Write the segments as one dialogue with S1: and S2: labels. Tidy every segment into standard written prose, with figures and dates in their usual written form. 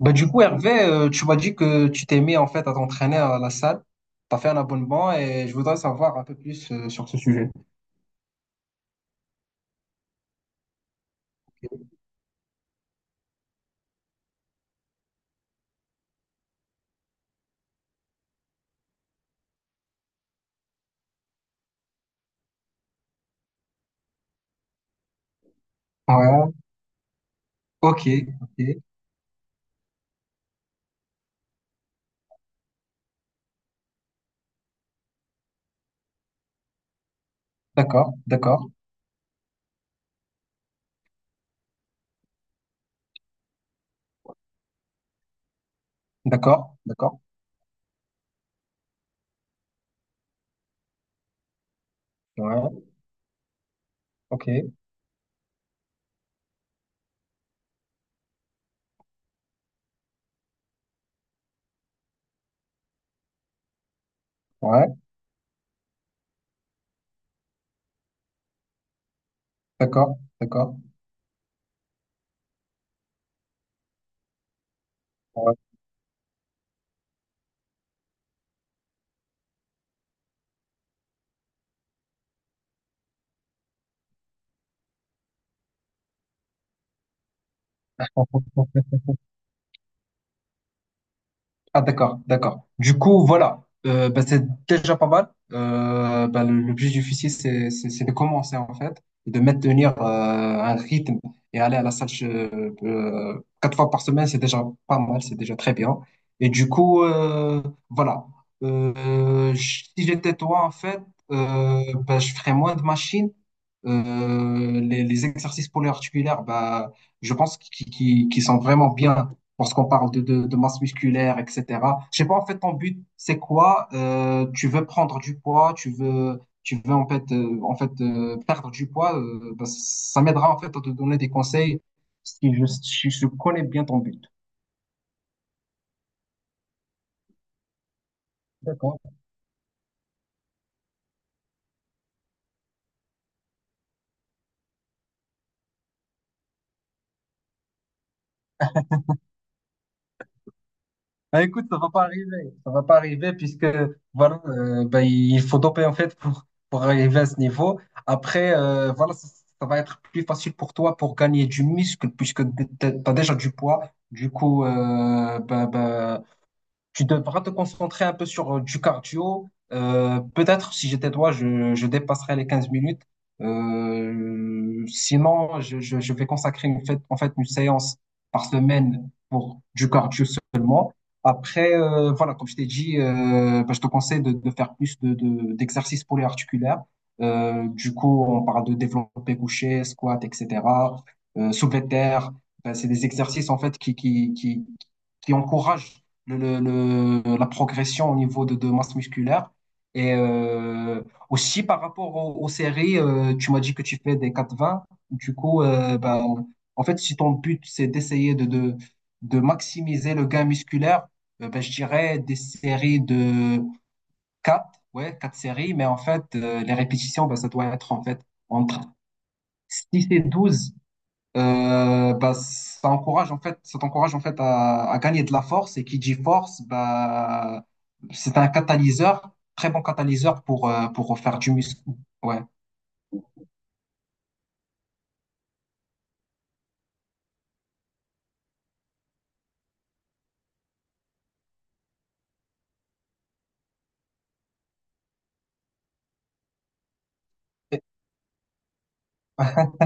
S1: Bah, du coup, Hervé, tu m'as dit que tu t'es mis en fait à t'entraîner à la salle. Tu as fait un abonnement et je voudrais savoir un peu plus sur ce sujet. Ouais, ok, ok. D'accord, d'accord, d'accord, d'accord. Ouais, ok, ouais, d'accord, d'accord. Ouais. Ah d'accord, d'accord. Du coup, voilà, Bah, c'est déjà pas mal. Bah, le plus difficile, c'est de commencer en fait, et de maintenir un rythme et aller à la salle quatre fois par semaine, c'est déjà pas mal, c'est déjà très bien. Et du coup, voilà. Si j'étais toi en fait, bah, je ferais moins de machines. Les exercices polyarticulaires, bah, je pense qu'ils qui sont vraiment bien lorsqu'on parle de masse musculaire, etc. Je sais pas, en fait, ton but, c'est quoi? Tu veux prendre du poids, tu veux en fait, perdre du poids. Bah, ça m'aidera en fait à te donner des conseils si je connais bien ton but. D'accord. Ah, écoute, ça va pas arriver. Ça va pas arriver puisque voilà, ben, il faut doper en fait pour arriver à ce niveau. Après, voilà, ça va être plus facile pour toi pour gagner du muscle puisque tu as déjà du poids. Du coup, ben, tu devras te concentrer un peu sur du cardio. Peut-être si j'étais toi, je dépasserais les 15 minutes. Sinon, je vais consacrer en fait une séance par semaine pour du cardio seulement. Après, voilà, comme je t'ai dit, bah, je te conseille de faire plus d'exercices polyarticulaires. Du coup, on parle de développé couché, squat, etc. Soulevé de terre. Ben, c'est des exercices en fait qui encourage la progression au niveau de masse musculaire. Et aussi par rapport aux séries, tu m'as dit que tu fais des 4-20. Du coup, ben, en fait, si ton but, c'est d'essayer de maximiser le gain musculaire, ben, je dirais des séries de 4 ouais, 4 séries. Mais en fait, les répétitions, ben, ça doit être en fait entre 6 et 12 bah, ça encourage en fait, ça t'encourage en fait à gagner de la force. Et qui dit force, bah, c'est un catalyseur, très bon catalyseur pour faire du muscle. Ouais. Et-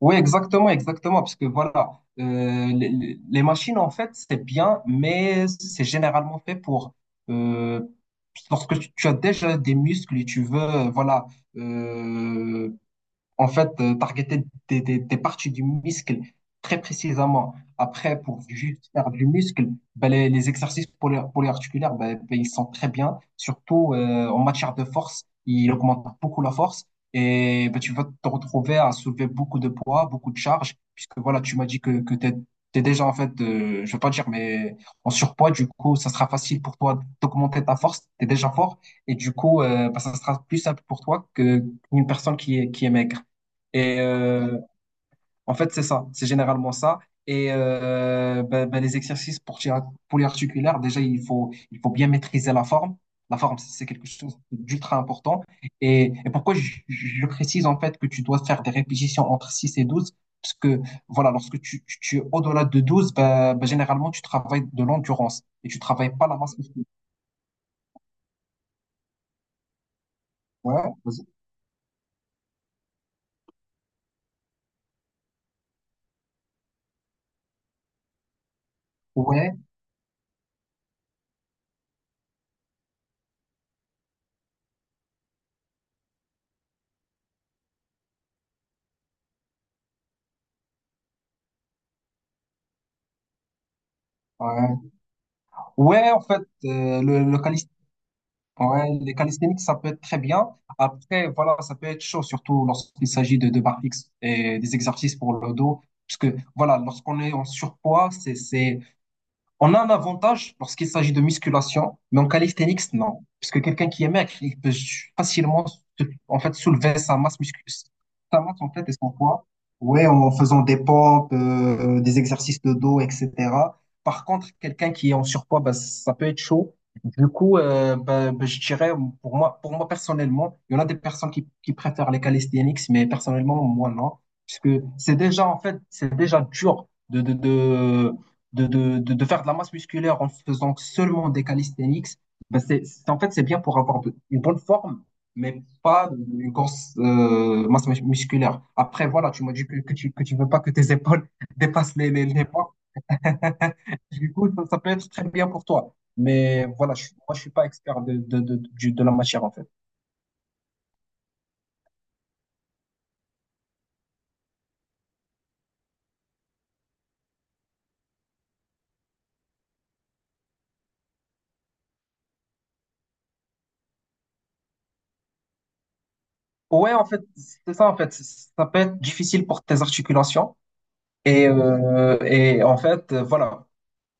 S1: Oui, exactement, exactement, parce que voilà, les machines, en fait, c'est bien, mais c'est généralement fait pour, euh, lorsque tu, tu as déjà des muscles et tu veux, voilà, euh, En fait, targeter des parties du muscle très précisément. Après, pour juste faire du muscle, ben, les exercices polyarticulaires, ben, ben, ils sont très bien. Surtout en matière de force, ils augmentent beaucoup la force. Et ben, tu vas te retrouver à soulever beaucoup de poids, beaucoup de charges, puisque voilà, tu m'as dit que tu es, déjà en fait, je vais pas dire, mais en surpoids, du coup, ça sera facile pour toi d'augmenter ta force, tu es déjà fort, et du coup, ben, ça sera plus simple pour toi que une personne qui est maigre. Et en fait, c'est ça, c'est généralement ça. Et ben, ben, les exercices pour polyarticulaires, déjà, il faut bien maîtriser la forme. La forme, c'est quelque chose d'ultra important. Et pourquoi je précise en fait que tu dois faire des répétitions entre 6 et 12. Parce que voilà, lorsque tu es au-delà de 12, ben, ben, généralement, tu travailles de l'endurance et tu travailles pas la masse musculaire. Ouais, vas-y. Ouais, ouais. Ouais, en fait, le Ouais, les calisthéniques, ça peut être très bien. Après, voilà, ça peut être chaud, surtout lorsqu'il s'agit de barres fixes et des exercices pour le dos. Parce que, voilà, lorsqu'on est en surpoids, c'est, on a un avantage lorsqu'il s'agit de musculation, mais en calisthenics, non. Parce que quelqu'un qui est maigre, il peut facilement en fait, soulever sa masse musculaire, sa masse en fait et son poids, ouais, en faisant des pompes, des exercices de dos, etc. Par contre, quelqu'un qui est en surpoids, bah, ça peut être chaud. Du coup, bah, bah, je dirais, pour moi personnellement, il y en a des personnes qui préfèrent les calisthenics, mais personnellement, moi, non. Puisque c'est déjà, en fait, c'est déjà dur de faire de la masse musculaire en faisant seulement des calisthenics, en fait, c'est bien pour une bonne forme, mais pas une grosse masse musculaire. Après, voilà, tu m'as dit que tu veux pas que tes épaules dépassent les bras. Du coup, ça peut être très bien pour toi. Mais voilà, je, moi, je suis pas expert de la matière, en fait. Ouais, en fait, c'est ça, en fait. Ça peut être difficile pour tes articulations. Et en fait, voilà.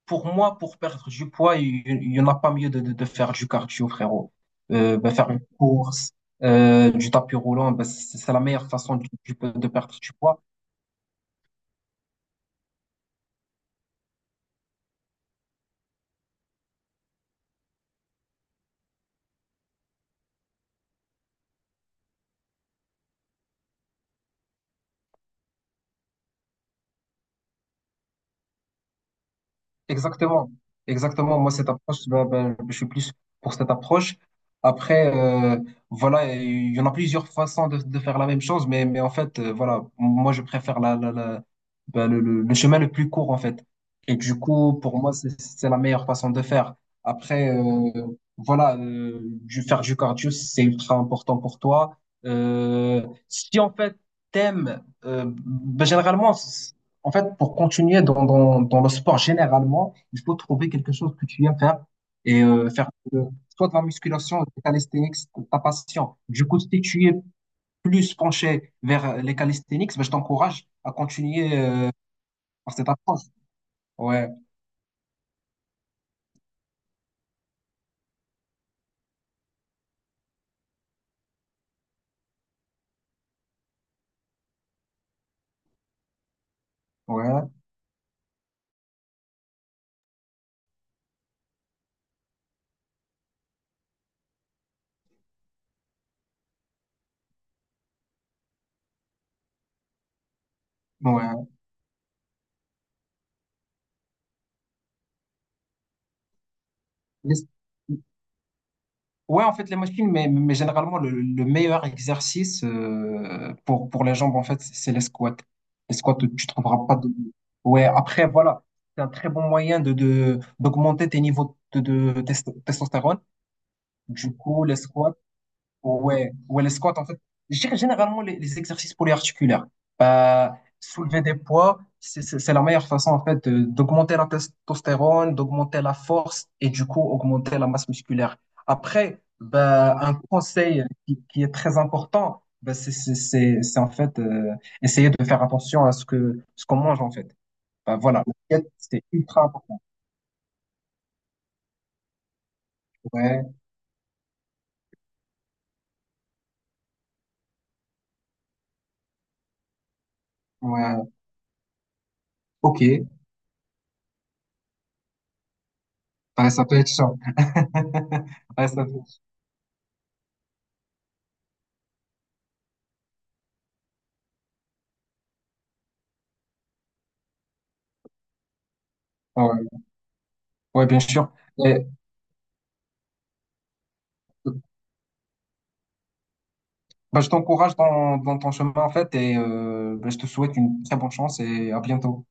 S1: Pour moi, pour perdre du poids, il n'y en a pas mieux de faire du cardio, frérot. Ben, faire une course, du tapis roulant, ben, c'est la meilleure façon de perdre du poids. Exactement, exactement. Moi, cette approche, ben, ben, je suis plus pour cette approche. Après, voilà, il y en a plusieurs façons de faire la même chose, mais en fait, voilà, moi, je préfère ben, le chemin le plus court, en fait. Et du coup, pour moi, c'est la meilleure façon de faire. Après, voilà, faire du cardio, c'est ultra important pour toi. Si en fait, t'aimes, ben, généralement, en fait, pour continuer dans le sport généralement, il faut trouver quelque chose que tu aimes faire et faire soit de la musculation, des calisthenics, ta passion. Du coup, si tu es plus penché vers les calisthenics, ben, je t'encourage à continuer par cette approche. Ouais, ouais, ouais. Ouais, en fait, les machines, mais généralement, le meilleur exercice pour les jambes, en fait, c'est les squats. Les squats, tu ne trouveras pas de... Ouais, après, voilà, c'est un très bon moyen d'augmenter tes niveaux de testostérone. Du coup, les squats, Ouais, ouais, les squats, en fait, je dirais généralement les exercices polyarticulaires. Euh, soulever des poids, c'est la meilleure façon, en fait, d'augmenter la testostérone, d'augmenter la force et du coup, augmenter la masse musculaire. Après, bah, un conseil qui est très important, bah, c'est en fait essayer de faire attention à ce que ce qu'on mange, en fait. Bah, voilà, l'assiette, c'est ultra important. Ouais, ouais, ok. Ouais, ça peut être chiant. Ouais, ça peut... ouais. Ouais, bien sûr. Et, euh, bah, je t'encourage dans ton chemin, en fait, et bah, je te souhaite une très bonne chance et à bientôt.